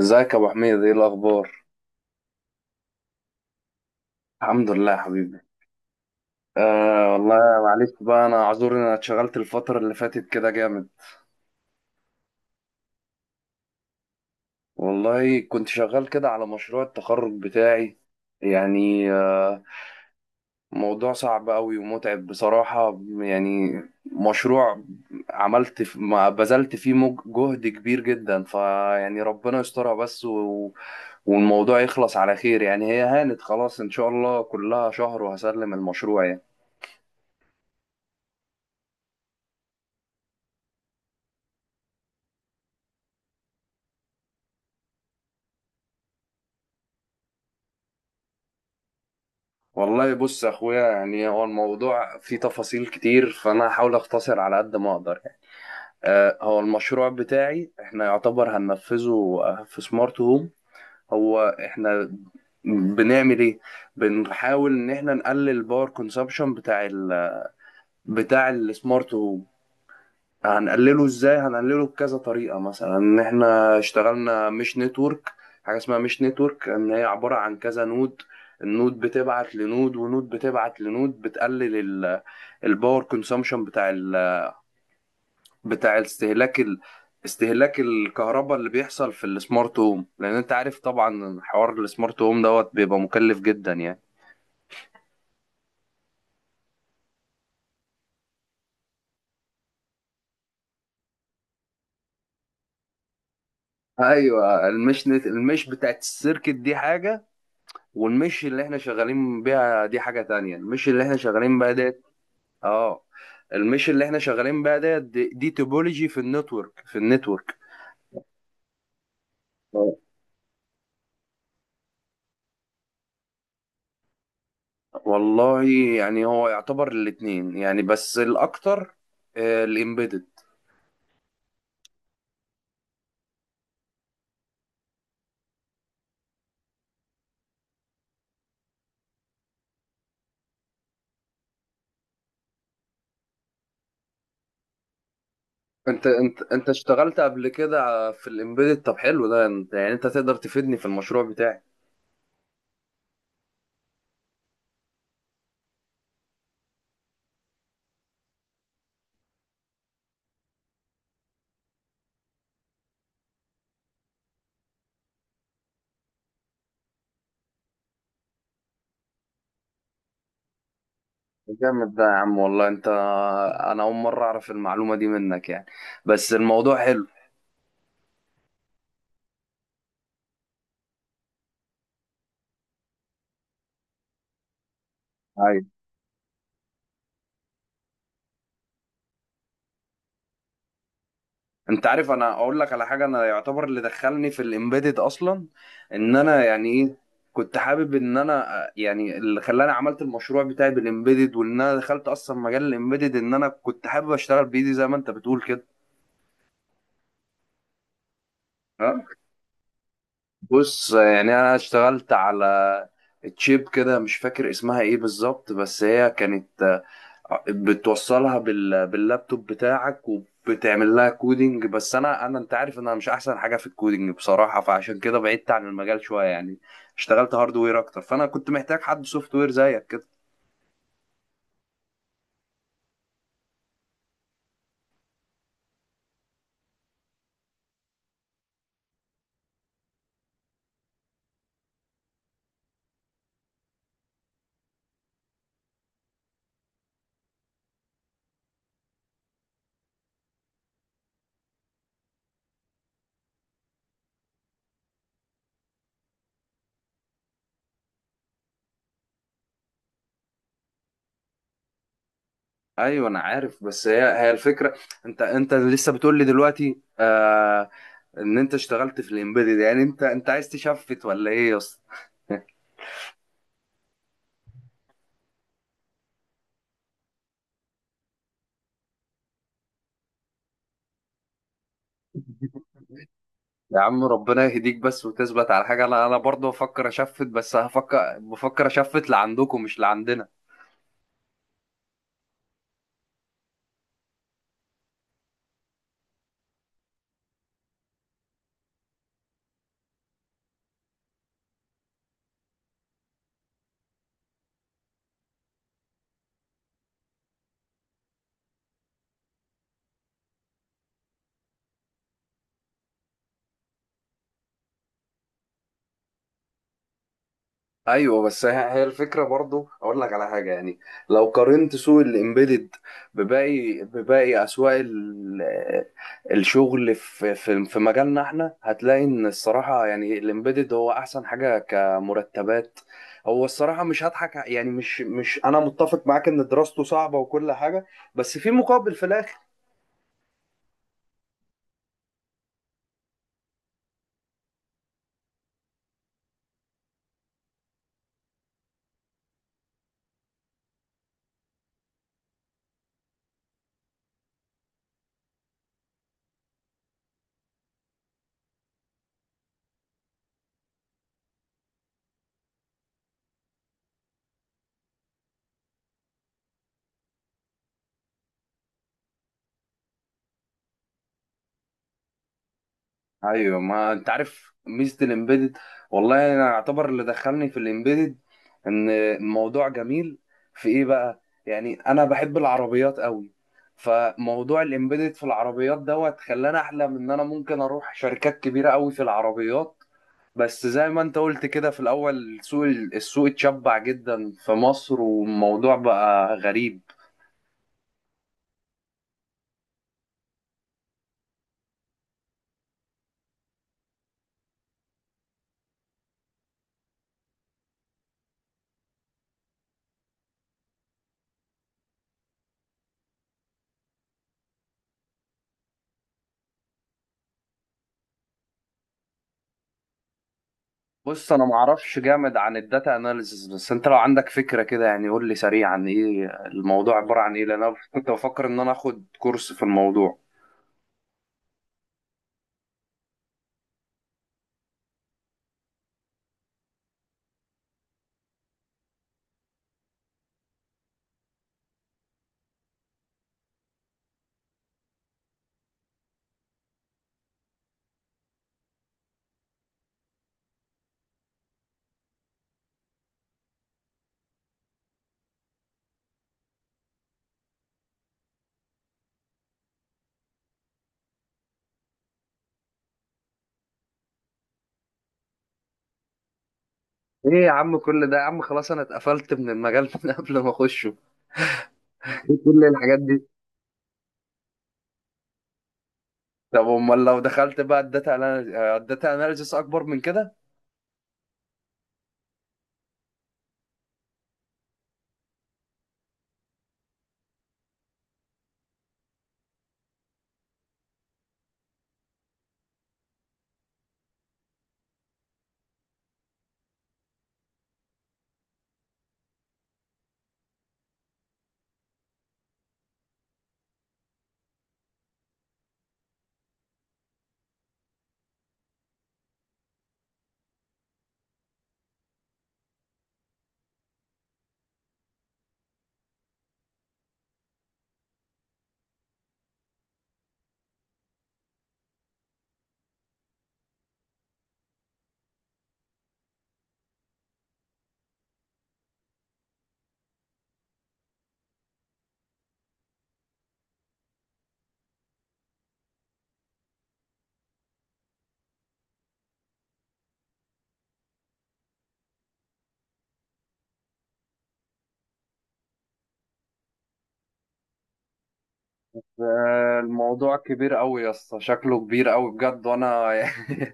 ازيك يا ابو حميد؟ ايه الاخبار؟ الحمد لله يا حبيبي. آه والله. معلش بقى، انا اعذر ان انا اتشغلت الفتره اللي فاتت كده جامد. والله كنت شغال كده على مشروع التخرج بتاعي يعني موضوع صعب قوي ومتعب بصراحه يعني. مشروع ما بذلت فيه جهد كبير جدا، فيعني ربنا يسترها بس، والموضوع يخلص على خير يعني، هي هانت خلاص ان شاء الله، كلها شهر وهسلم المشروع يعني. والله بص يا اخويا، يعني هو الموضوع فيه تفاصيل كتير، فانا هحاول اختصر على قد ما اقدر يعني. هو المشروع بتاعي احنا يعتبر هننفذه، في سمارت هوم. هو احنا بنعمل ايه؟ بنحاول ان احنا نقلل الباور كونسبشن بتاع السمارت هوم. هنقلله ازاي؟ هنقلله بكذا طريقه، مثلا ان احنا اشتغلنا مش نتورك. حاجه اسمها مش نتورك، ان هي عباره عن كذا نود. النود بتبعت لنود، ونود بتبعت لنود، بتقلل ال- الباور كونسومشن بتاع استهلاك استهلاك الكهرباء اللي بيحصل في السمارت هوم، لان انت عارف طبعا حوار السمارت هوم دوت بيبقى مكلف جدا يعني. ايوه، المش بتاعت السيركت دي حاجه، والمش اللي احنا شغالين بيها دي حاجة تانية. المش اللي احنا شغالين بيها ديت. اه. المش اللي احنا شغالين بيها ديت دي توبولوجي في النتورك، آه. والله يعني هو يعتبر الاتنين يعني، بس الاكتر الامبيدد. انت اشتغلت قبل كده في الامبيدد؟ طب حلو ده، انت يعني انت تقدر تفيدني في المشروع بتاعي. جامد ده يا عم والله. انت، انا اول مرة اعرف المعلومة دي منك يعني، بس الموضوع حلو. انت عارف، انا اقول لك على حاجه. انا يعتبر اللي دخلني في الامبيدد اصلا، ان انا يعني ايه، كنت حابب ان انا، يعني اللي خلاني عملت المشروع بتاعي بالامبيدد وان انا دخلت اصلا مجال الامبيدد، ان انا كنت حابب اشتغل بايدي زي ما انت بتقول كده. ها. بص، يعني انا اشتغلت على تشيب كده مش فاكر اسمها ايه بالظبط، بس هي كانت بتوصلها باللابتوب بتاعك، وبتعمل لها كودينج. بس انا، انت عارف ان انا مش احسن حاجه في الكودينج بصراحه، فعشان كده بعدت عن المجال شويه يعني. اشتغلت هاردوير اكتر، فانا كنت محتاج حد سوفت وير زيك كده. ايوه انا عارف، بس هي الفكره. انت لسه بتقول لي دلوقتي ان انت اشتغلت في الامبيدد، يعني انت عايز تشفت ولا ايه يا اسطى؟ يا عم ربنا يهديك بس، وتثبت على حاجه. انا برضه بفكر اشفت، بس بفكر اشفت لعندكم مش لعندنا. ايوه، بس هي الفكره برضو، اقول لك على حاجه يعني. لو قارنت سوق الامبيدد بباقي اسواق الشغل في مجالنا، احنا هتلاقي ان الصراحه يعني الامبيدد هو احسن حاجه كمرتبات. هو الصراحه مش هضحك ع- يعني مش انا متفق معاك ان دراسته صعبه وكل حاجه، بس في مقابل، في الاخر. ايوه، ما انت عارف ميزه الامبيدد. والله انا اعتبر اللي دخلني في الامبيدد ان الموضوع جميل في ايه بقى؟ يعني انا بحب العربيات قوي، فموضوع الامبيدد في العربيات دوت خلاني احلم ان انا ممكن اروح شركات كبيره قوي في العربيات. بس زي ما انت قلت كده في الاول، السوق، اتشبع جدا في مصر، والموضوع بقى غريب. بص، انا ما اعرفش جامد عن الداتا اناليسز، بس انت لو عندك فكره كده، يعني قول لي سريعا ايه الموضوع، عباره عن ايه؟ لان انا كنت بفكر ان انا اخد كورس في الموضوع. ايه يا عم كل ده؟ يا عم خلاص، انا اتقفلت من المجال من قبل ما اخشه. ايه كل الحاجات دي؟ طب امال لو دخلت بقى الداتا، الداتا اناليسز اكبر من كده؟ الموضوع كبير قوي يا اسطى، شكله كبير قوي بجد. وانا يعني،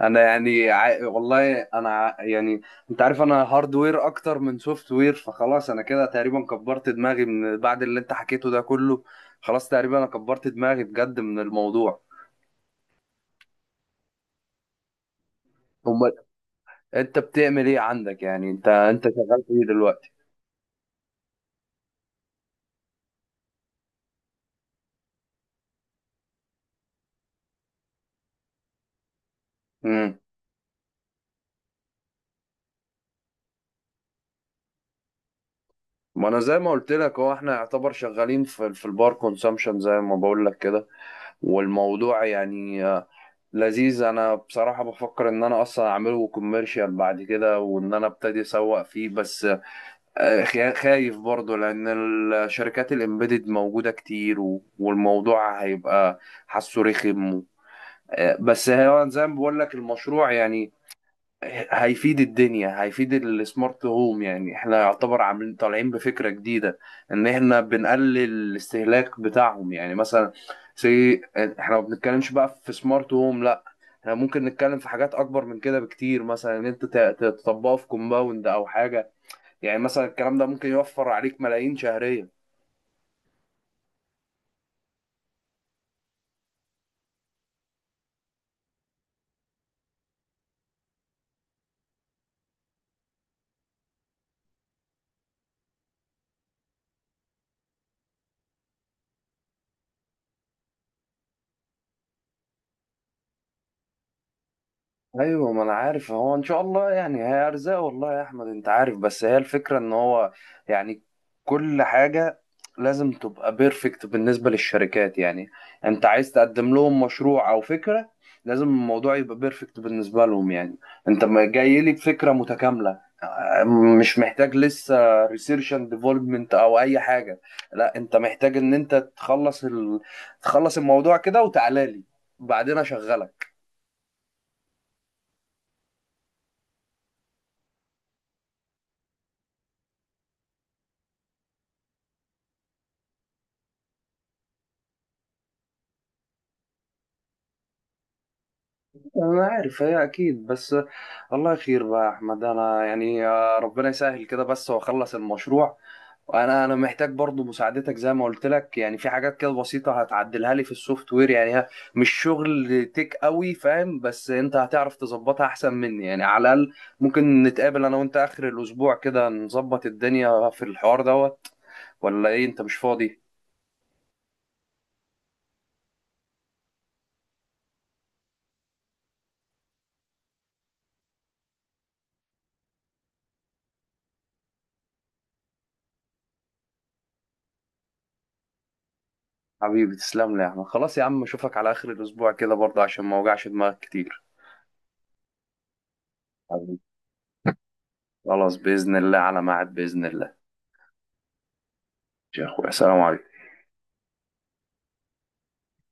انا يعني والله انا يعني انت عارف، انا هاردوير اكتر من سوفت وير، فخلاص انا كده تقريبا كبرت دماغي من بعد اللي انت حكيته ده كله. خلاص تقريبا انا كبرت دماغي بجد من الموضوع. امال انت بتعمل ايه عندك يعني؟ انت شغال في ايه دلوقتي؟ امم ما انا زي ما قلت لك، هو احنا يعتبر شغالين في البار كونسامشن زي ما بقول لك كده. والموضوع يعني لذيذ. انا بصراحة بفكر ان انا اصلا اعمله كوميرشال بعد كده، وان انا ابتدي اسوق فيه، بس خايف برضه، لان الشركات الامبيدد موجودة كتير، والموضوع هيبقى حاسه رخم بس هو زي ما بقول لك، المشروع يعني هيفيد الدنيا، هيفيد السمارت هوم يعني. احنا يعتبر عاملين طالعين بفكرة جديدة، ان احنا بنقلل الاستهلاك بتاعهم. يعني مثلا سي احنا ما بنتكلمش بقى في سمارت هوم، احنا ممكن نتكلم في حاجات اكبر من كده بكتير، مثلا ان انت تطبقه في كومباوند او حاجه. يعني مثلا الكلام ده ممكن يوفر عليك ملايين شهريا. ايوه، ما انا عارف، هو ان شاء الله يعني هي ارزاق. والله يا احمد انت عارف، بس هي الفكره ان هو يعني كل حاجه لازم تبقى بيرفكت بالنسبه للشركات يعني. انت عايز تقدم لهم مشروع او فكره، لازم الموضوع يبقى بيرفكت بالنسبه لهم يعني. انت ما جاي لي بفكره متكامله، مش محتاج لسه ريسيرش اند ديفلوبمنت او اي حاجه. لا، انت محتاج ان انت تخلص تخلص الموضوع كده، وتعالى لي بعدين اشغلك. أنا عارف هي أكيد، بس الله خير بقى يا أحمد. أنا يعني ربنا يسهل كده بس، وأخلص المشروع. أنا محتاج برضو مساعدتك زي ما قلت لك، يعني في حاجات كده بسيطة هتعدلها لي في السوفت وير يعني، مش شغل تيك قوي فاهم، بس أنت هتعرف تظبطها أحسن مني يعني على الأقل. ممكن نتقابل أنا وأنت آخر الأسبوع كده، نظبط الدنيا في الحوار دوت، ولا إيه؟ أنت مش فاضي؟ حبيبي تسلم لي يا أحمد. خلاص يا عم، أشوفك على آخر الأسبوع كده برضه عشان ما أوجعش دماغك كتير. خلاص بإذن الله، على ميعاد بإذن الله. يا أخويا سلام عليكم.